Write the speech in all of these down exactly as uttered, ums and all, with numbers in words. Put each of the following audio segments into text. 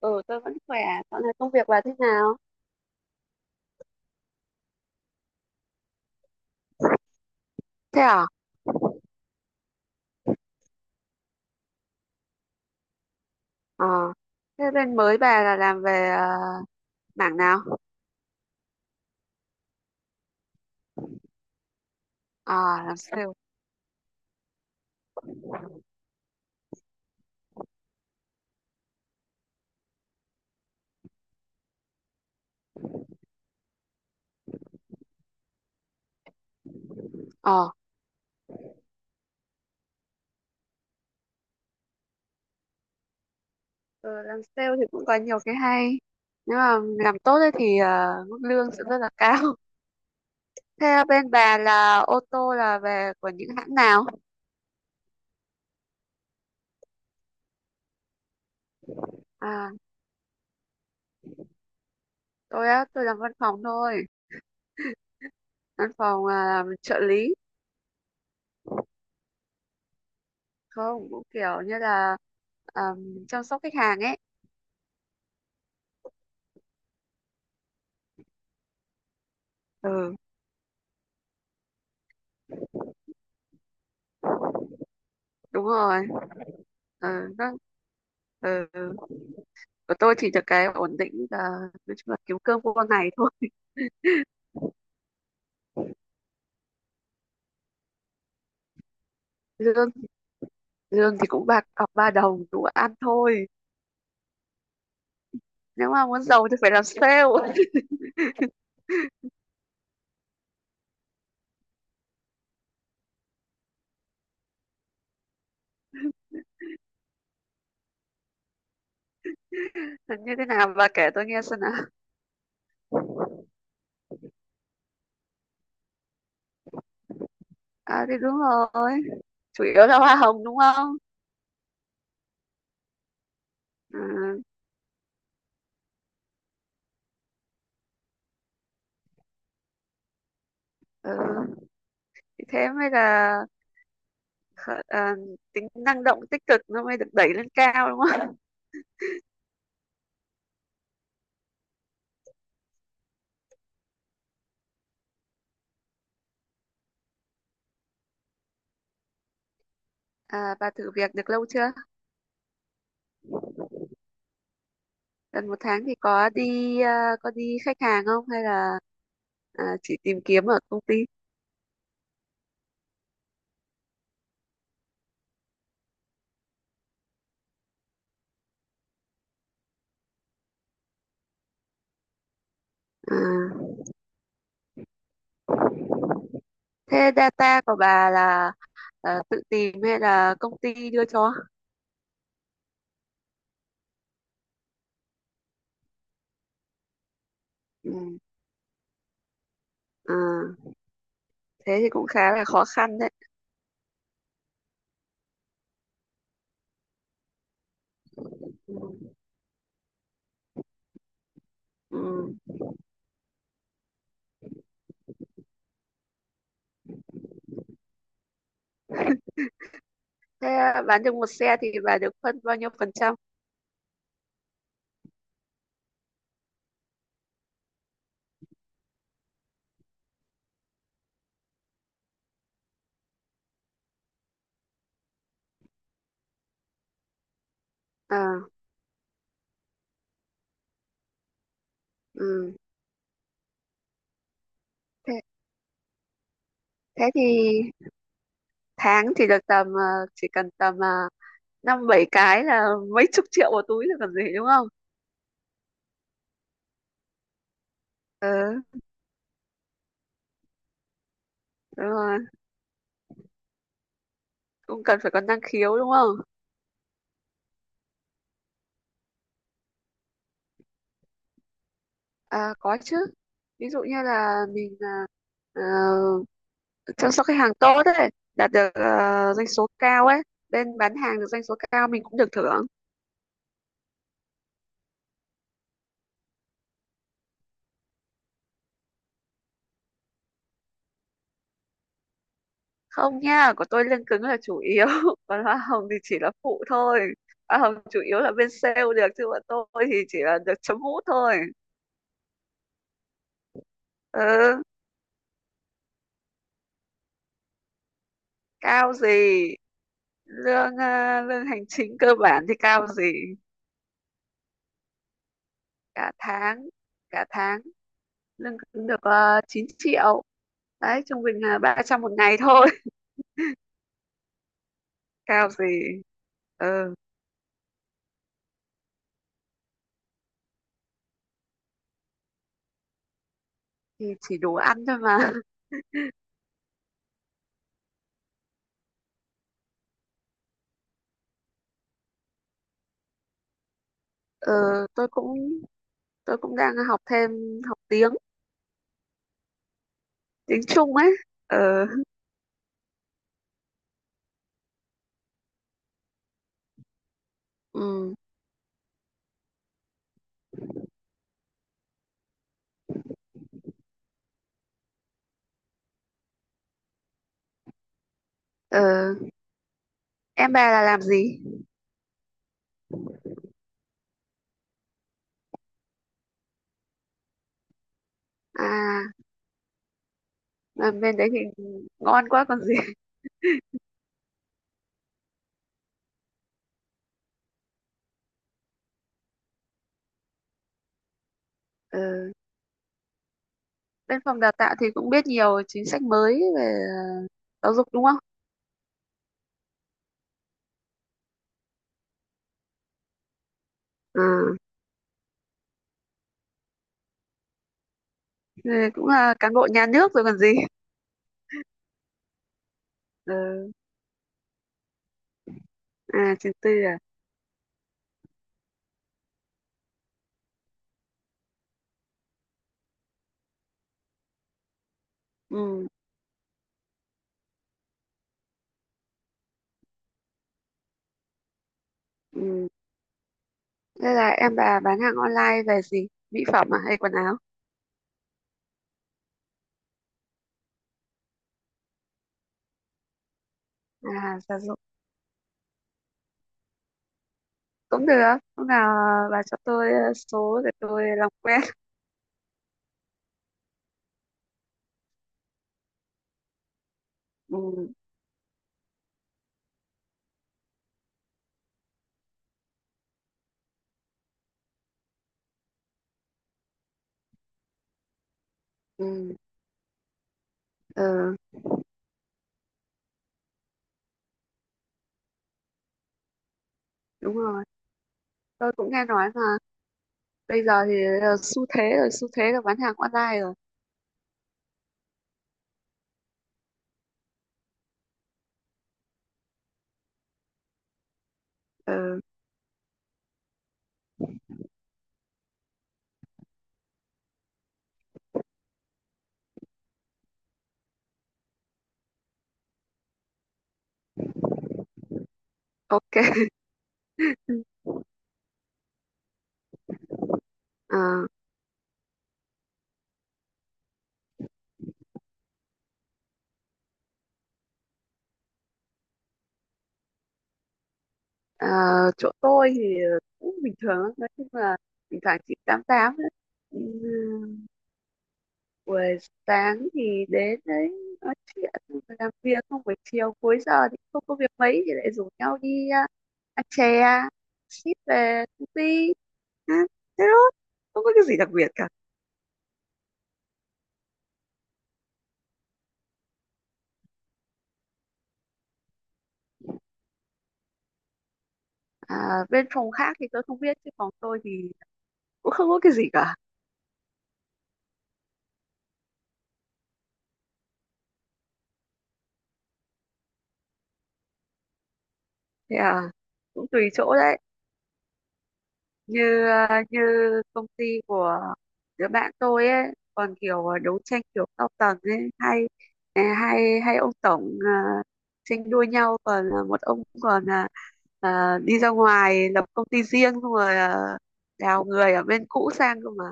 Ừ, tôi vẫn khỏe. Dạo này công việc bà thế nào? Thế à? Ờ. Thế bên mới bà là làm về ờ, mảng nào? À, làm sale. Ờ. Ừ, làm sale thì cũng có nhiều cái hay. Nếu mà làm tốt ấy thì ờ, mức lương sẽ rất là cao. Thế bên bà là ô tô là về của những hãng nào? À, tôi á, tôi làm văn phòng thôi. Văn phòng ờ, làm trợ lý. Không, cũng kiểu như là ờ, chăm sóc khách hàng ấy. Ừ, đúng rồi. Ừ, nó, ừ. Của tôi thì được cái ổn định là nói chung là kiếm cơm qua ngày thôi. Lương lương thì cũng bạc cọc ba đồng đủ ăn thôi, nếu mà muốn giàu thì phải làm sale. Như thế nào, bà kể tôi nghe xem nào. À thì đúng rồi, chủ yếu là hoa hồng đúng không? À, ừ. Thì thế mới là khờ- à, tính năng động tích cực nó mới được đẩy lên cao đúng không? À, bà thử việc được lâu chưa? Gần một tháng thì có đi à, có đi khách hàng không hay là à, chỉ tìm kiếm ở công ty? À. Thế data của bà là ờ, tự tìm hay là công ty đưa cho? Ừ. À, thế thì cũng khá là khó khăn đấy. Ừ. Ừ. Thế à, bán được một xe thì bà được phân bao nhiêu phần trăm? À, ừ. Thế, thế thì tháng thì được tầm ờ, chỉ cần tầm ờ, năm bảy cái là mấy chục triệu một túi là còn gì đúng không? Ừ, đúng rồi. Cũng cần phải có năng khiếu đúng không? À, có chứ. Ví dụ như là mình, ờ, chăm sóc khách hàng tốt ấy, đạt được ờ, doanh số cao ấy, bên bán hàng được doanh số cao mình cũng được thưởng. Không nha, của tôi lương cứng là chủ yếu, còn hoa hồng thì chỉ là phụ thôi. Hoa hồng chủ yếu là bên sale được chứ bọn tôi thì chỉ là được chấm mút thôi. Ừ, cao gì. Lương ờ, lương hành chính cơ bản thì cao gì. Cả tháng cả tháng lương cứng được ờ, chín triệu, đấy trung bình là ba trăm một ngày thôi. Cao gì. Ừ thì chỉ đủ ăn thôi mà. Ờ, tôi cũng tôi cũng đang học thêm, học tiếng tiếng Trung ấy. Ờ, ừ, ờ, em bà là làm gì? À, làm bên đấy thì ngon quá còn gì. Ờ, bên phòng đào tạo thì cũng biết nhiều chính sách mới về ờ, giáo dục đúng không? Ờ, thì cũng là cán bộ nhà nước rồi còn gì. Ờ, à trường tư à. Ừ, ừ. Thế là em bà bán hàng online về gì, mỹ phẩm à hay quần áo? À dạ rồi. Cũng được, hôm nào à, bà cho tôi à, số để tôi làm quen. Ừ, ừ, ờ, đúng rồi, tôi cũng nghe nói mà, bây giờ thì à, xu thế rồi, xu thế là bán hàng online rồi. Ờ, ok. Ờ, ờ, chỗ tôi thì ờ, cũng bình thường lắm. Nói chung là thỉnh thoảng chị tám tám ấy. Ừ, buổi sáng thì đến đấy nói chuyện xong rồi làm việc không, buổi chiều cuối giờ thì không có việc mấy thì lại rủ nhau đi à, ăn chè ship về công ty, à, thế thôi, không có cái gì đặc biệt cả. À, bên phòng khác thì tôi không biết chứ phòng tôi thì cũng không có cái gì cả. Thế à, cũng tùy chỗ đấy. Như ờ, như công ty của đứa bạn tôi ấy, còn kiểu ờ, đấu tranh kiểu cao tầng ấy, hay ờ, hay hay ông tổng ờ, tranh đua nhau, còn ờ, một ông còn ờ, ờ, đi ra ngoài lập công ty riêng xong rồi ờ, đào người ở bên cũ sang cơ mà.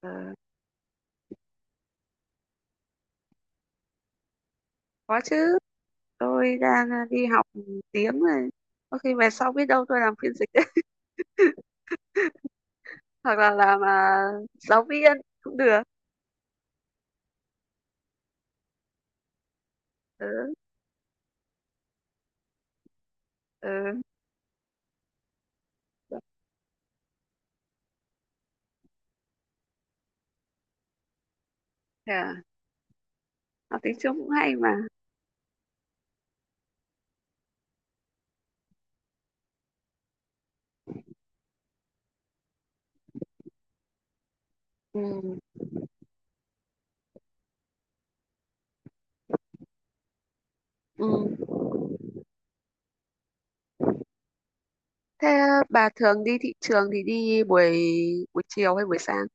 Ờ, có chứ, tôi đang ờ, đi học tiếng này, có khi về sau biết đâu tôi làm phiên dịch. Hoặc là làm ờ, giáo viên cũng được. Ừ, ừ. Thế à? Học tiếng Trung cũng hay mà. Ừ, ừ. Thế bà thường đi thị trường thì đi buổi buổi chiều hay buổi sáng?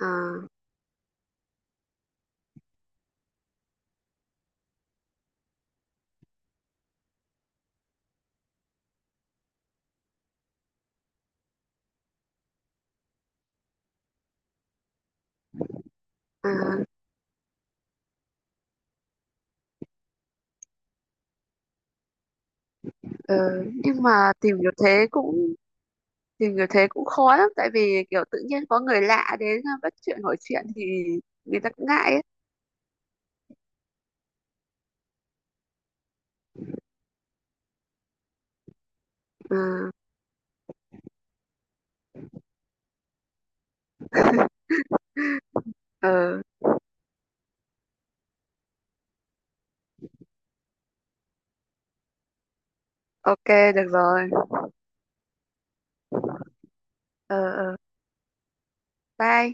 À, à, ờ, nhưng mà tìm hiểu thế cũng tìm hiểu thế cũng khó lắm, tại vì kiểu tự nhiên có người lạ đến ờ, bắt chuyện hỏi chuyện thì người ta cũng ngại ấy. À, ờ, ok, được rồi. Ờ, ờ, bye.